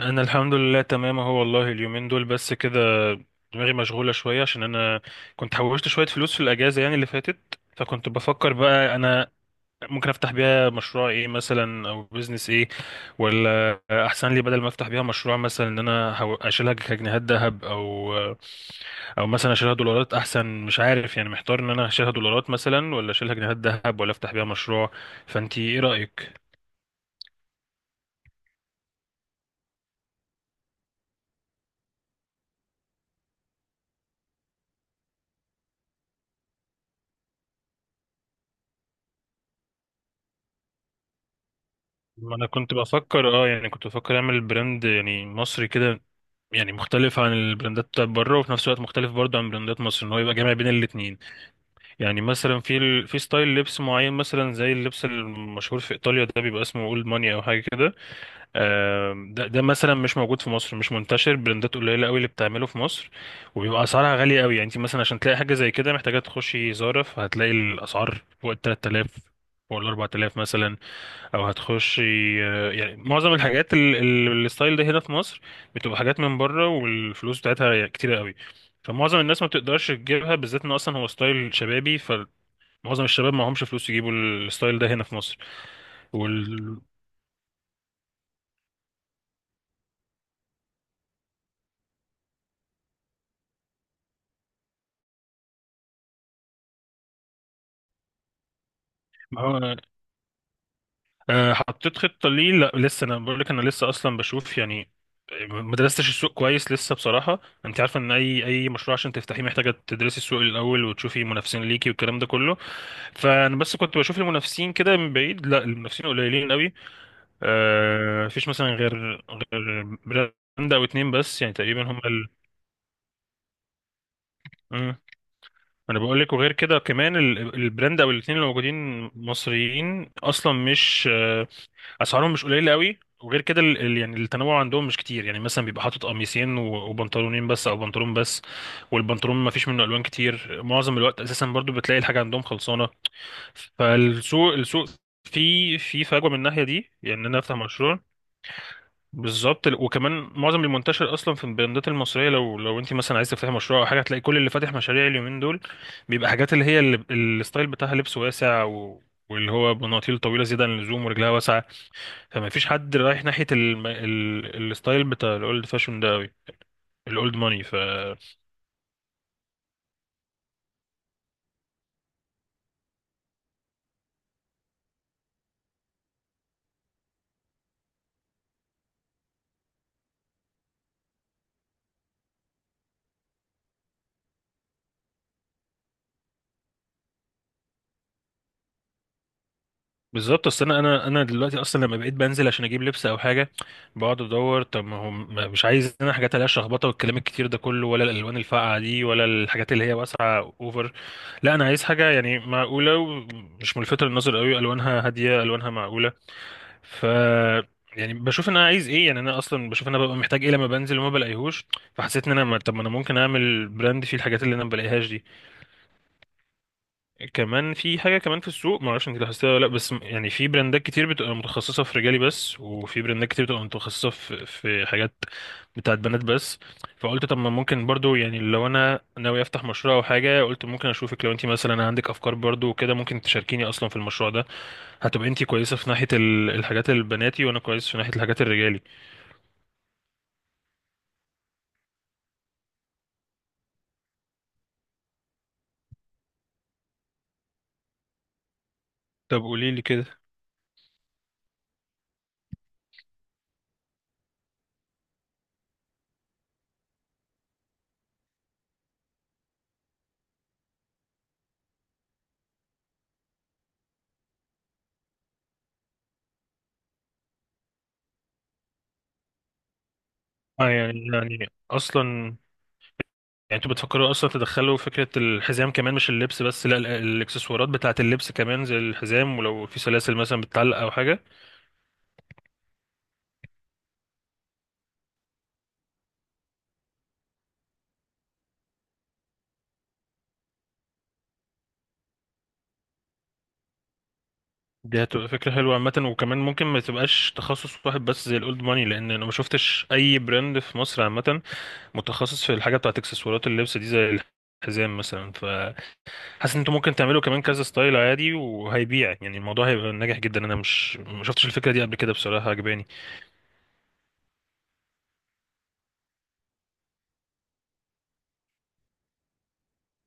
انا الحمد لله تمام اهو، والله اليومين دول بس كده. دماغي مشغوله شويه عشان انا كنت حوشت شويه فلوس في الاجازه، يعني اللي فاتت. فكنت بفكر بقى انا ممكن افتح بيها مشروع ايه مثلا، او بزنس ايه، ولا احسن لي بدل ما افتح بيها مشروع مثلا ان انا اشيلها كجنيهات ذهب، او مثلا اشيلها دولارات احسن. مش عارف يعني، محتار ان انا اشيلها دولارات مثلا، ولا اشيلها جنيهات ذهب، ولا افتح بيها مشروع. فانتي ايه رايك؟ ما انا كنت بفكر يعني، كنت بفكر اعمل براند يعني مصري كده، يعني مختلف عن البراندات بتاعت بره، وفي نفس الوقت مختلف برضه عن براندات مصر، ان هو يبقى جامع بين الاتنين. يعني مثلا في ستايل لبس معين، مثلا زي اللبس المشهور في ايطاليا ده، بيبقى اسمه اولد ماني او حاجه كده. آم، ده ده مثلا مش موجود في مصر، مش منتشر. براندات قليله قوي اللي بتعمله في مصر، وبيبقى اسعارها غاليه قوي. يعني انت مثلا عشان تلاقي حاجه زي كده، محتاجه تخشي زارا، فهتلاقي الاسعار فوق ال 3000، فوق ال 4000 مثلا، او هتخشي. يعني معظم الحاجات الستايل ده هنا في مصر بتبقى حاجات من بره، والفلوس بتاعتها يعني كتيرة قوي، فمعظم الناس ما بتقدرش تجيبها، بالذات ان اصلا هو ستايل شبابي، فمعظم الشباب معهمش فلوس يجيبوا الستايل ده هنا في مصر. وال... ما هو حطيت خطة ليه؟ لا، لسه. انا بقول لك، انا لسه اصلا بشوف يعني، ما درستش السوق كويس لسه بصراحة. انت عارفة ان اي مشروع عشان تفتحيه، محتاجة تدرسي السوق الاول، وتشوفي منافسين ليكي، والكلام ده كله. فانا بس كنت بشوف المنافسين كده من بعيد، لا، المنافسين قليلين قوي. مفيش مثلا غير براند او اتنين بس يعني، تقريبا هم ال... مم. انا بقول لك. وغير كده كمان، البراند او الاتنين اللي موجودين مصريين اصلا، مش اسعارهم مش قليله قوي، وغير كده يعني التنوع عندهم مش كتير. يعني مثلا بيبقى حاطط قميصين و... وبنطلونين بس، او بنطلون بس، والبنطلون ما فيش منه الوان كتير، معظم الوقت اساسا، برضو بتلاقي الحاجه عندهم خلصانه. فالسوق، السوق في فجوه من الناحيه دي، يعني ان انا افتح مشروع. بالظبط. وكمان معظم المنتشر اصلا في البراندات المصريه، لو انت مثلا عايز تفتحي مشروع او حاجه، هتلاقي كل اللي فاتح مشاريع اليومين دول بيبقى حاجات، الستايل بتاعها لبس واسع، و... واللي هو بناطيل طويله زياده عن اللزوم، ورجلها واسعه. فما فيش حد رايح ناحية الستايل بتاع الاولد فاشون ده قوي، الاولد ماني. بالظبط. اصل انا دلوقتي اصلا لما بقيت بنزل عشان اجيب لبس او حاجه، بقعد ادور. طب ما هو مش عايز انا حاجات عليها شخبطه والكلام الكتير ده كله، ولا الالوان الفاقعه دي، ولا الحاجات اللي هي واسعه اوفر، لا انا عايز حاجه يعني معقوله، ومش ملفته للنظر قوي، الوانها هاديه، الوانها معقوله. ف يعني بشوف ان انا عايز ايه، يعني انا اصلا بشوف ان انا ببقى محتاج ايه لما بنزل وما بلاقيهوش. فحسيت ان انا طب ما انا ممكن اعمل براند فيه الحاجات اللي انا ما بلاقيهاش دي. كمان في حاجه كمان في السوق، ما اعرفش انت لاحظتها ولا لا، بس يعني في براندات كتير بتبقى متخصصه في رجالي بس، وفي براندات كتير بتبقى متخصصه في حاجات بتاعت بنات بس. فقلت، طب ما ممكن برضو، يعني لو انا ناوي افتح مشروع او حاجه، قلت ممكن اشوفك لو انت مثلا عندك افكار برضو وكده، ممكن تشاركيني اصلا في المشروع ده. هتبقى انتي كويسة في ناحية الحاجات البناتي، وانا كويس في ناحية الحاجات الرجالي. طب قولي لي كده. اه يعني اصلا، يعني انتوا بتفكروا اصلا تدخلوا فكرة الحزام كمان، مش اللبس بس، لا الاكسسوارات بتاعة اللبس كمان، زي الحزام، ولو في سلاسل مثلا بتتعلق او حاجة. دي هتبقى فكرة حلوة عامة. وكمان ممكن ما تبقاش تخصص واحد بس زي الاولد ماني، لان انا ما شفتش اي براند في مصر عامة متخصص في الحاجة بتاعة اكسسوارات اللبس دي، زي الحزام مثلا. حاسس ان انتوا ممكن تعملوا كمان كذا ستايل عادي، وهيبيع يعني، الموضوع هيبقى ناجح جدا. انا مش ما شفتش الفكره دي قبل كده، بصراحه عجباني.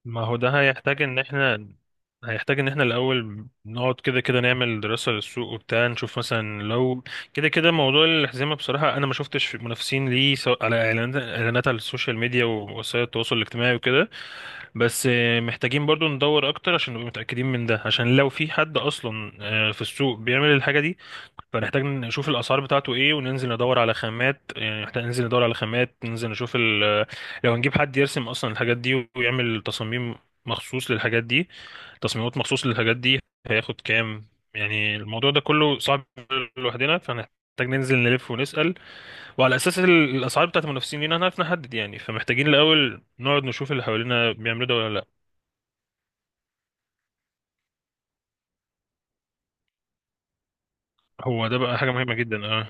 ما هو ده هيحتاج ان احنا الاول نقعد كده كده نعمل دراسه للسوق وبتاع، نشوف مثلا لو كده كده. موضوع الحزمه بصراحه، انا ما شفتش منافسين ليه، سواء على إعلانات على السوشيال ميديا ووسائل التواصل الاجتماعي وكده. بس محتاجين برضو ندور اكتر عشان نبقى متأكدين من ده، عشان لو في حد اصلا في السوق بيعمل الحاجة دي، فنحتاج نشوف الاسعار بتاعته ايه، وننزل ندور على خامات، يعني نحتاج ننزل ندور على خامات، ننزل نشوف ال... لو هنجيب حد يرسم اصلا الحاجات دي ويعمل تصاميم مخصوص للحاجات دي، تصميمات مخصوص للحاجات دي هياخد كام، يعني الموضوع ده كله صعب لوحدنا، فنحتاج ننزل نلف ونسأل، وعلى اساس الاسعار بتاعت المنافسين لينا هنعرف نحدد يعني. فمحتاجين الاول نقعد نشوف اللي حوالينا بيعملوا ده ولا لا. هو ده بقى حاجه مهمه جدا، اه.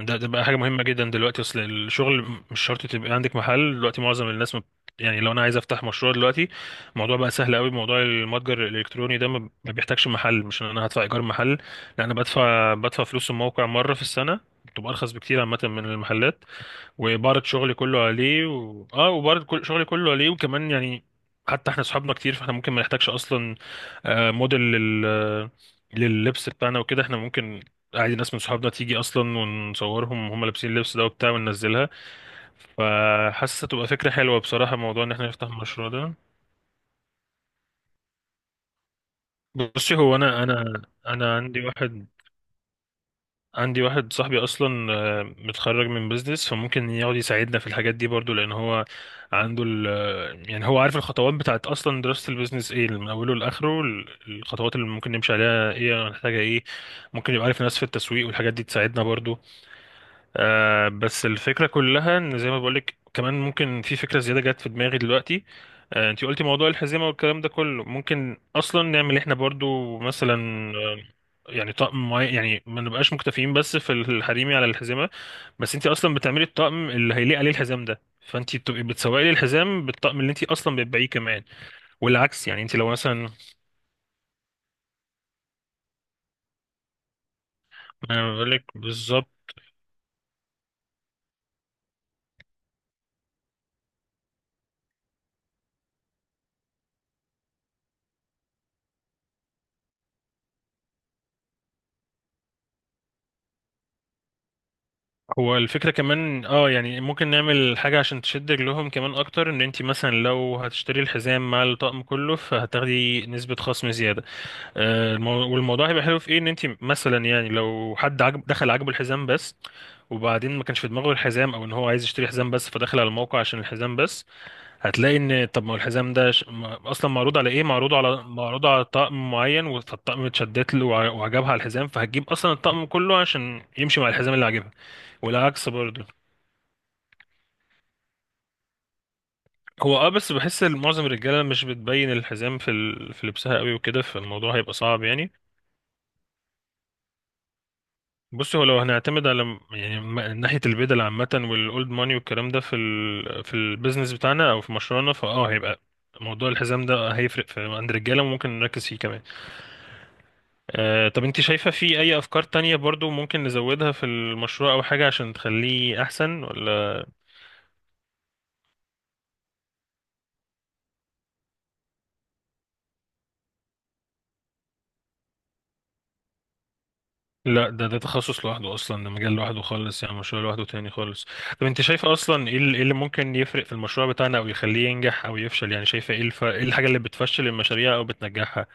ده بقى حاجه مهمه جدا دلوقتي. اصل الشغل مش شرط تبقى عندك محل دلوقتي، معظم الناس ما بت- يعني لو انا عايز افتح مشروع دلوقتي، الموضوع بقى سهل قوي. موضوع المتجر الالكتروني ده ما بيحتاجش محل، مش ان انا هدفع ايجار محل، لا انا بدفع فلوس الموقع مره في السنه، بتبقى ارخص بكتير عامه من المحلات. وإبارة شغلي كله عليه و... اه وإبارة كل... شغلي كله عليه وكمان يعني حتى احنا صحابنا كتير، فاحنا ممكن ما نحتاجش اصلا موديل لللبس بتاعنا وكده. احنا ممكن عادي ناس من صحابنا تيجي اصلا، ونصورهم وهم لابسين اللبس ده وبتاع، وننزلها. فحاسه تبقى فكره حلوه بصراحه، موضوع ان احنا نفتح المشروع ده. بصي، هو انا عندي واحد، صاحبي اصلا متخرج من بيزنس، فممكن يقعد يساعدنا في الحاجات دي برضو، لان هو عنده ال آه، يعني هو عارف الخطوات بتاعت اصلا دراسة البيزنس ايه من اوله لاخره، الخطوات اللي ممكن نمشي عليها ايه، هنحتاجها ايه، ممكن يبقى عارف ناس في التسويق والحاجات دي تساعدنا برضو. بس الفكرة كلها ان زي ما بقولك، كمان ممكن في فكرة زيادة جت في دماغي دلوقتي. انتي قلتي موضوع الحزمة والكلام ده كله، ممكن اصلا نعمل احنا برضو مثلا آه، يعني طقم معين، يعني ما نبقاش مكتفيين بس في الحريمي على الحزمة، بس انتي اصلا بتعملي الطقم اللي هيليق عليه الحزام ده، فانتي بتبقي بتسوقي لي الحزام بالطقم اللي انتي اصلا بتبيعيه كمان. والعكس، يعني انتي لو مثلا، انا بقول لك، هو الفكرة كمان يعني ممكن نعمل حاجة عشان تشد رجلهم كمان اكتر، ان انت مثلا لو هتشتري الحزام مع الطقم كله، فهتاخدي نسبة خصم زيادة. والموضوع هيبقى حلو في ايه، ان انت مثلا يعني لو حد عجب، دخل عجبه الحزام بس، وبعدين ما كانش في دماغه الحزام، او ان هو عايز يشتري حزام بس فدخل على الموقع عشان الحزام بس، هتلاقي ان، طب ما هو الحزام ده ش... ما- اصلا معروض على ايه، معروض على طقم معين، فالطقم اتشدت له وعجبها الحزام، فهتجيب اصلا الطقم كله عشان يمشي مع الحزام اللي عجبها. والعكس برضه. هو بس بحس ان معظم الرجاله مش بتبين الحزام في لبسها قوي وكده، فالموضوع هيبقى صعب يعني. بص، هو لو هنعتمد على ناحيه البدل عامه والاولد ماني والكلام ده في البيزنس بتاعنا او في مشروعنا، هيبقى موضوع الحزام ده هيفرق في عند الرجاله، وممكن نركز فيه كمان. طب انت شايفه في اي افكار تانية برضو ممكن نزودها في المشروع او حاجه عشان تخليه احسن ولا؟ لا، ده تخصص لوحده اصلا، ده مجال لوحده خالص، يعني مشروع لوحده تاني خالص. طب انت شايفه اصلا ايه، إيه اللي ممكن يفرق في المشروع بتاعنا او يخليه ينجح او يفشل، يعني شايفه ايه، الحاجه اللي بتفشل المشاريع او بتنجحها؟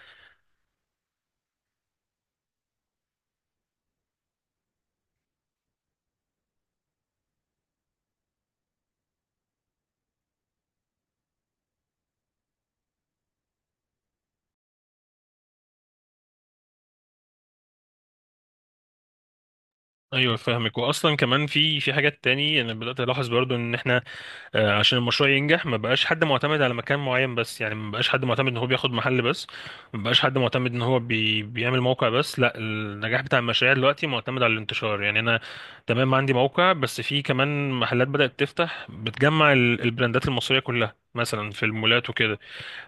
ايوه فاهمك. واصلا كمان في حاجات تاني انا بدات الاحظ برضو، ان احنا عشان المشروع ينجح، ما بقاش حد معتمد على مكان معين بس، يعني ما بقاش حد معتمد ان هو بياخد محل بس، ما بقاش حد معتمد ان هو بيعمل موقع بس، لا النجاح بتاع المشاريع دلوقتي معتمد على الانتشار. يعني انا تمام عندي موقع، بس في كمان محلات بدأت تفتح بتجمع البراندات المصرية كلها مثلا في المولات وكده،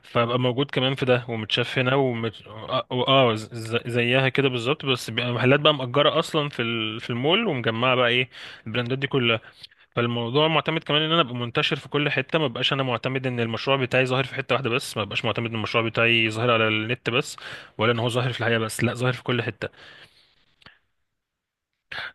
فبقى موجود كمان في ده، ومتشاف هنا، ومت... اه آه، ز- ز- زيها كده بالظبط، بس بقى محلات بقى مأجرة اصلا في المول، ومجمعة بقى ايه، البراندات دي كلها. فالموضوع معتمد كمان ان انا ابقى منتشر في كل حته، ما بقاش انا معتمد ان المشروع بتاعي ظاهر في حته واحده بس، ما بقاش معتمد ان المشروع بتاعي ظاهر على النت بس، ولا ان هو ظاهر في الحقيقه بس، لا ظاهر في كل حته.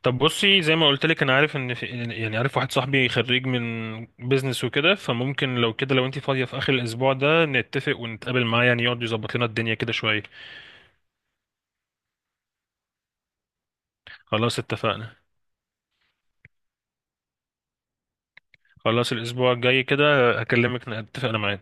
طب بصي، زي ما قلت لك، انا عارف ان في يعني عارف واحد صاحبي خريج من بيزنس وكده، فممكن لو كده، لو انت فاضيه في اخر الاسبوع ده، نتفق ونتقابل معاه، يعني يقعد يظبط لنا الدنيا كده شويه. خلاص اتفقنا، خلاص الاسبوع الجاي كده هكلمك، نتفق انا معاه.